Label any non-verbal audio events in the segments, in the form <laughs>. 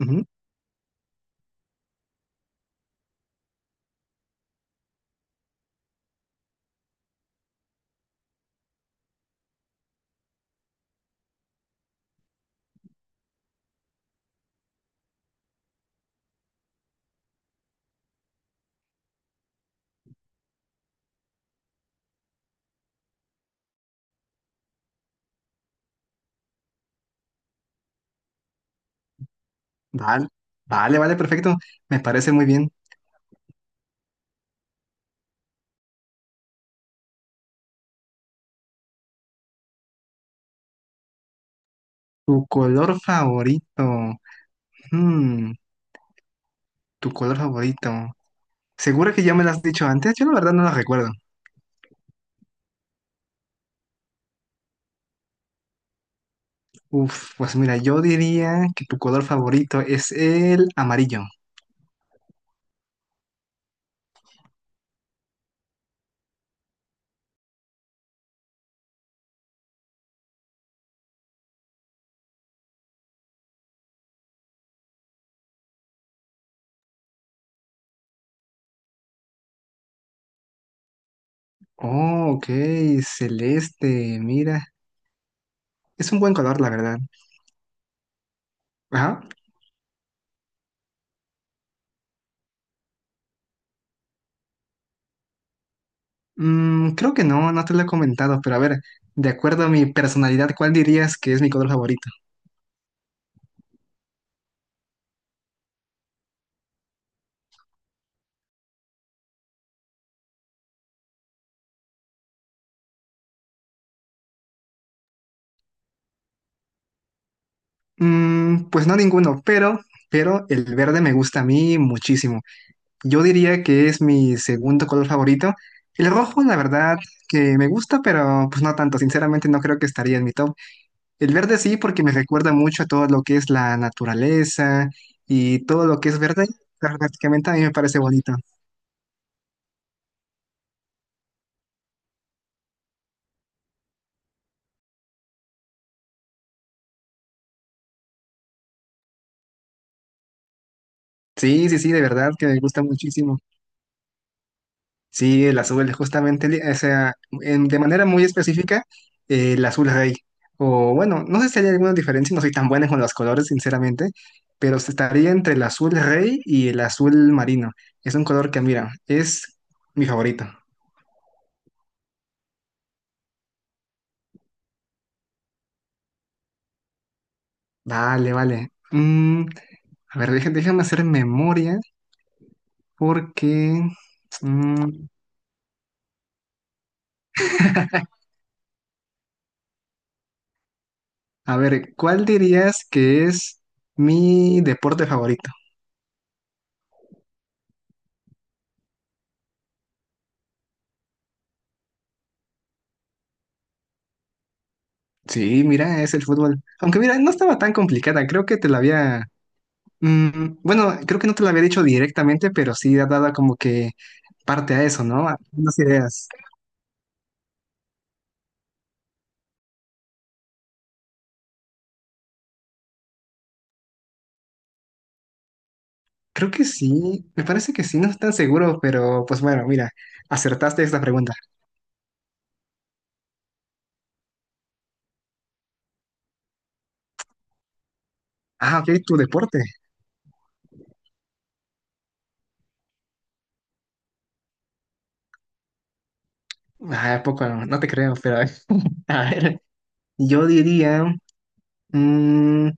Ujú. Vale, vale, vale, perfecto. Me parece muy bien. Tu color favorito. Hmm, tu color favorito. ¿Segura que ya me lo has dicho antes? Yo la verdad no lo recuerdo. Uf, pues mira, yo diría que tu color favorito es el amarillo. Oh, ok, celeste, mira. Es un buen color, la verdad. Ajá. Creo que no, no te lo he comentado, pero a ver, de acuerdo a mi personalidad, ¿cuál dirías que es mi color favorito? Pues no ninguno, pero el verde me gusta a mí muchísimo. Yo diría que es mi segundo color favorito. El rojo, la verdad, que me gusta, pero pues no tanto. Sinceramente, no creo que estaría en mi top. El verde sí, porque me recuerda mucho a todo lo que es la naturaleza y todo lo que es verde. Prácticamente a mí me parece bonito. Sí, sí, sí, de verdad que me gusta muchísimo. Sí, el azul, justamente, o sea, de manera muy específica, el azul rey. O bueno, no sé si hay alguna diferencia, no soy tan buena con los colores, sinceramente, pero se estaría entre el azul rey y el azul marino. Es un color que, mira, es mi favorito. Vale, vale. A ver, déjame hacer memoria porque... mm, a ver, ¿cuál dirías que es mi deporte favorito? Sí, mira, es el fútbol. Aunque mira, no estaba tan complicada, creo que te la había... bueno, creo que no te la había dicho directamente, pero sí ha dado como que parte a eso, ¿no? A unas ideas. Creo que sí, me parece que sí, no estoy tan seguro, pero pues bueno, mira, acertaste esta pregunta. Ah, ok, tu deporte. Ah, ¿a poco, no te creo, pero <laughs> a ver, yo diría... mm,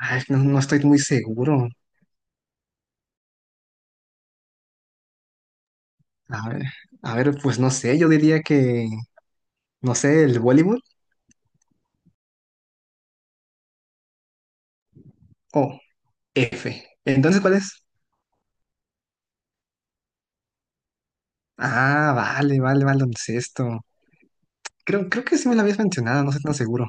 ay, no, no estoy muy seguro. A ver, a ver, pues no sé, yo diría que, no sé, el voleibol. Oh. F. Entonces, ¿cuál es? Ah, vale, vale, vale, ¿esto? Creo, creo que sí me lo habías mencionado, no estoy tan seguro.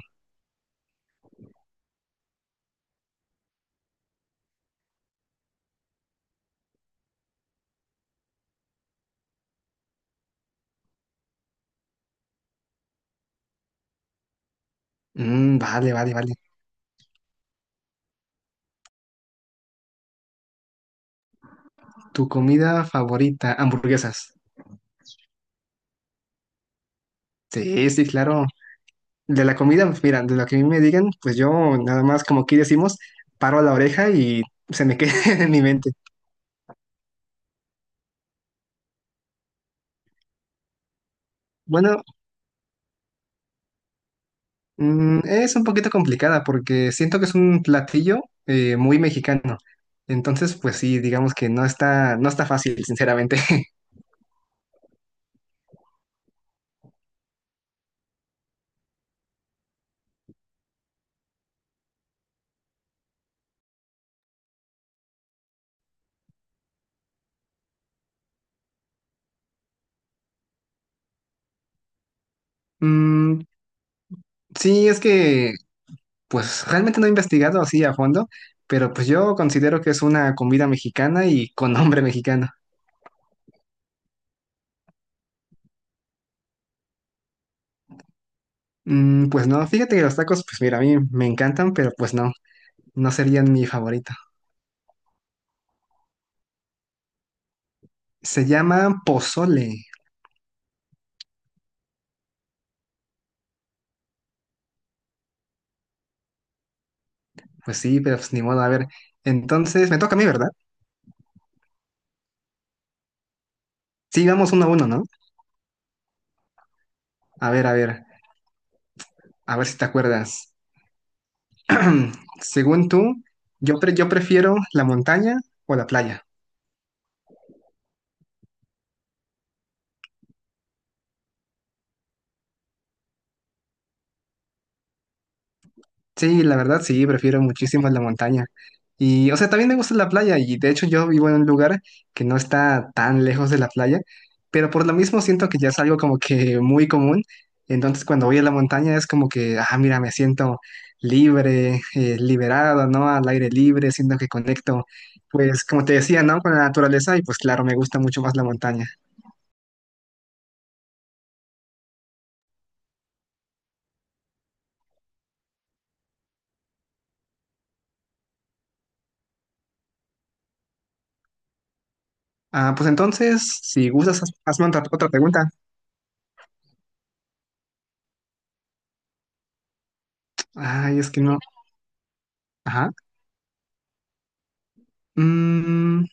Vale, vale, vale. ¿Tu comida favorita? Hamburguesas. Sí, sí, claro. De la comida, pues, mira, de lo que a mí me digan, pues yo nada más, como aquí decimos, paro a la oreja y se me queda <laughs> en mi mente. Bueno, es un poquito complicada porque siento que es un platillo muy mexicano. Entonces, pues sí, digamos que no está, no está fácil, sinceramente. <laughs> Mm, sí, es que pues realmente no he investigado así a fondo, pero pues yo considero que es una comida mexicana y con nombre mexicano. Pues no, fíjate que los tacos, pues mira, a mí me encantan, pero pues no, no serían mi favorito. Se llama pozole. Pues sí, pero pues ni modo, a ver. Entonces, me toca a mí, ¿verdad? Sí, vamos uno a uno, ¿no? A ver, a ver, a ver si te acuerdas. <clears throat> Según tú, yo, yo prefiero la montaña o la playa. Sí, la verdad sí, prefiero muchísimo la montaña. Y, o sea, también me gusta la playa y de hecho yo vivo en un lugar que no está tan lejos de la playa, pero por lo mismo siento que ya es algo como que muy común. Entonces cuando voy a la montaña es como que, ah, mira, me siento libre, liberado, ¿no? Al aire libre, siento que conecto, pues como te decía, ¿no? Con la naturaleza y pues claro, me gusta mucho más la montaña. Ah, pues entonces, si gustas, hazme otra otra pregunta. Ay, es que no. Ajá. Mm,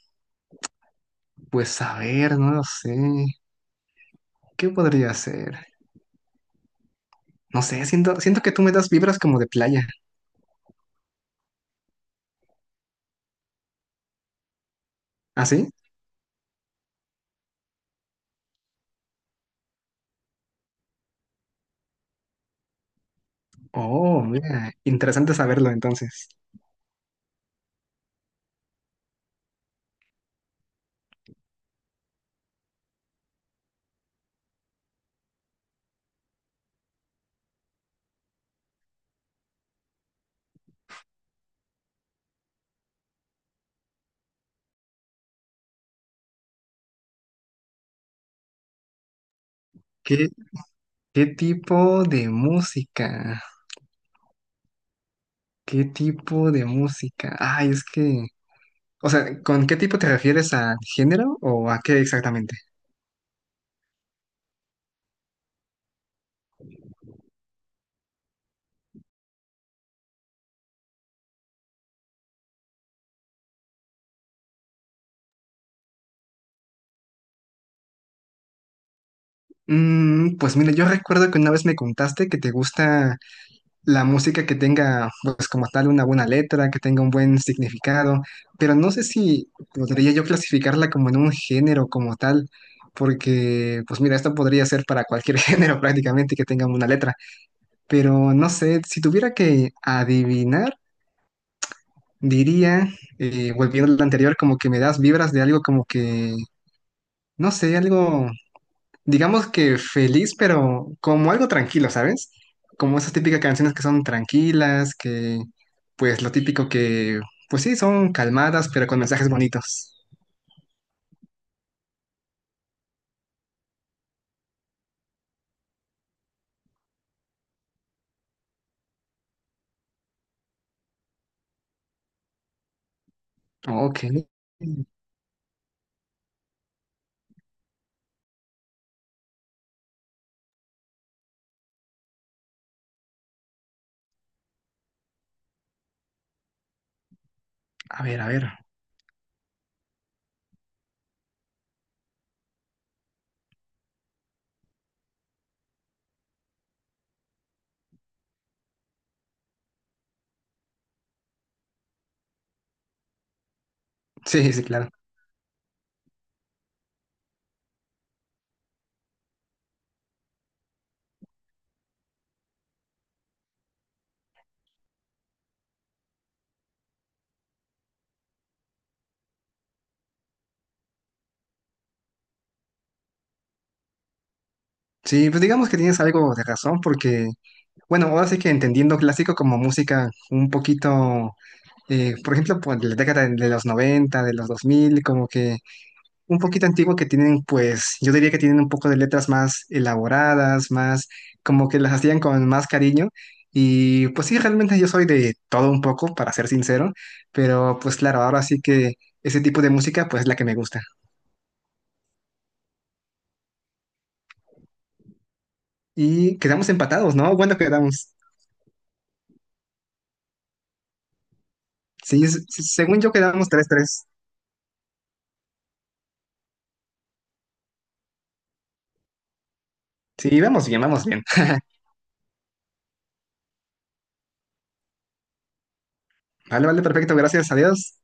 pues a ver, no lo sé. ¿Qué podría ser? No sé, siento, siento que tú me das vibras como de playa. ¿Ah, sí? Oh, mira, interesante saberlo entonces. ¿Qué, qué tipo de música? ¿Qué tipo de música? Ay, es que... O sea, ¿con qué tipo te refieres a género o a qué exactamente? Pues mira, yo recuerdo que una vez me contaste que te gusta la música que tenga, pues como tal, una buena letra, que tenga un buen significado, pero no sé si podría yo clasificarla como en un género como tal, porque, pues mira, esto podría ser para cualquier <laughs> género prácticamente que tenga una letra, pero no sé, si tuviera que adivinar, diría, volviendo a lo anterior, como que me das vibras de algo como que, no sé, algo digamos que feliz, pero como algo tranquilo, ¿sabes? Como esas típicas canciones que son tranquilas, que pues lo típico que, pues sí, son calmadas, pero con mensajes bonitos. Ok. A ver, a ver. Sí, sí, claro. Sí, pues digamos que tienes algo de razón porque, bueno, ahora sí que entendiendo clásico como música un poquito, por ejemplo, por la década de los 90, de los 2000, como que un poquito antigua que tienen, pues yo diría que tienen un poco de letras más elaboradas, más como que las hacían con más cariño. Y pues sí, realmente yo soy de todo un poco, para ser sincero, pero pues claro, ahora sí que ese tipo de música pues es la que me gusta. Y quedamos empatados, ¿no? Bueno, quedamos. Sí, según yo quedamos 3-3. Sí, vamos bien, vamos bien. Vale, vale, perfecto, gracias, adiós.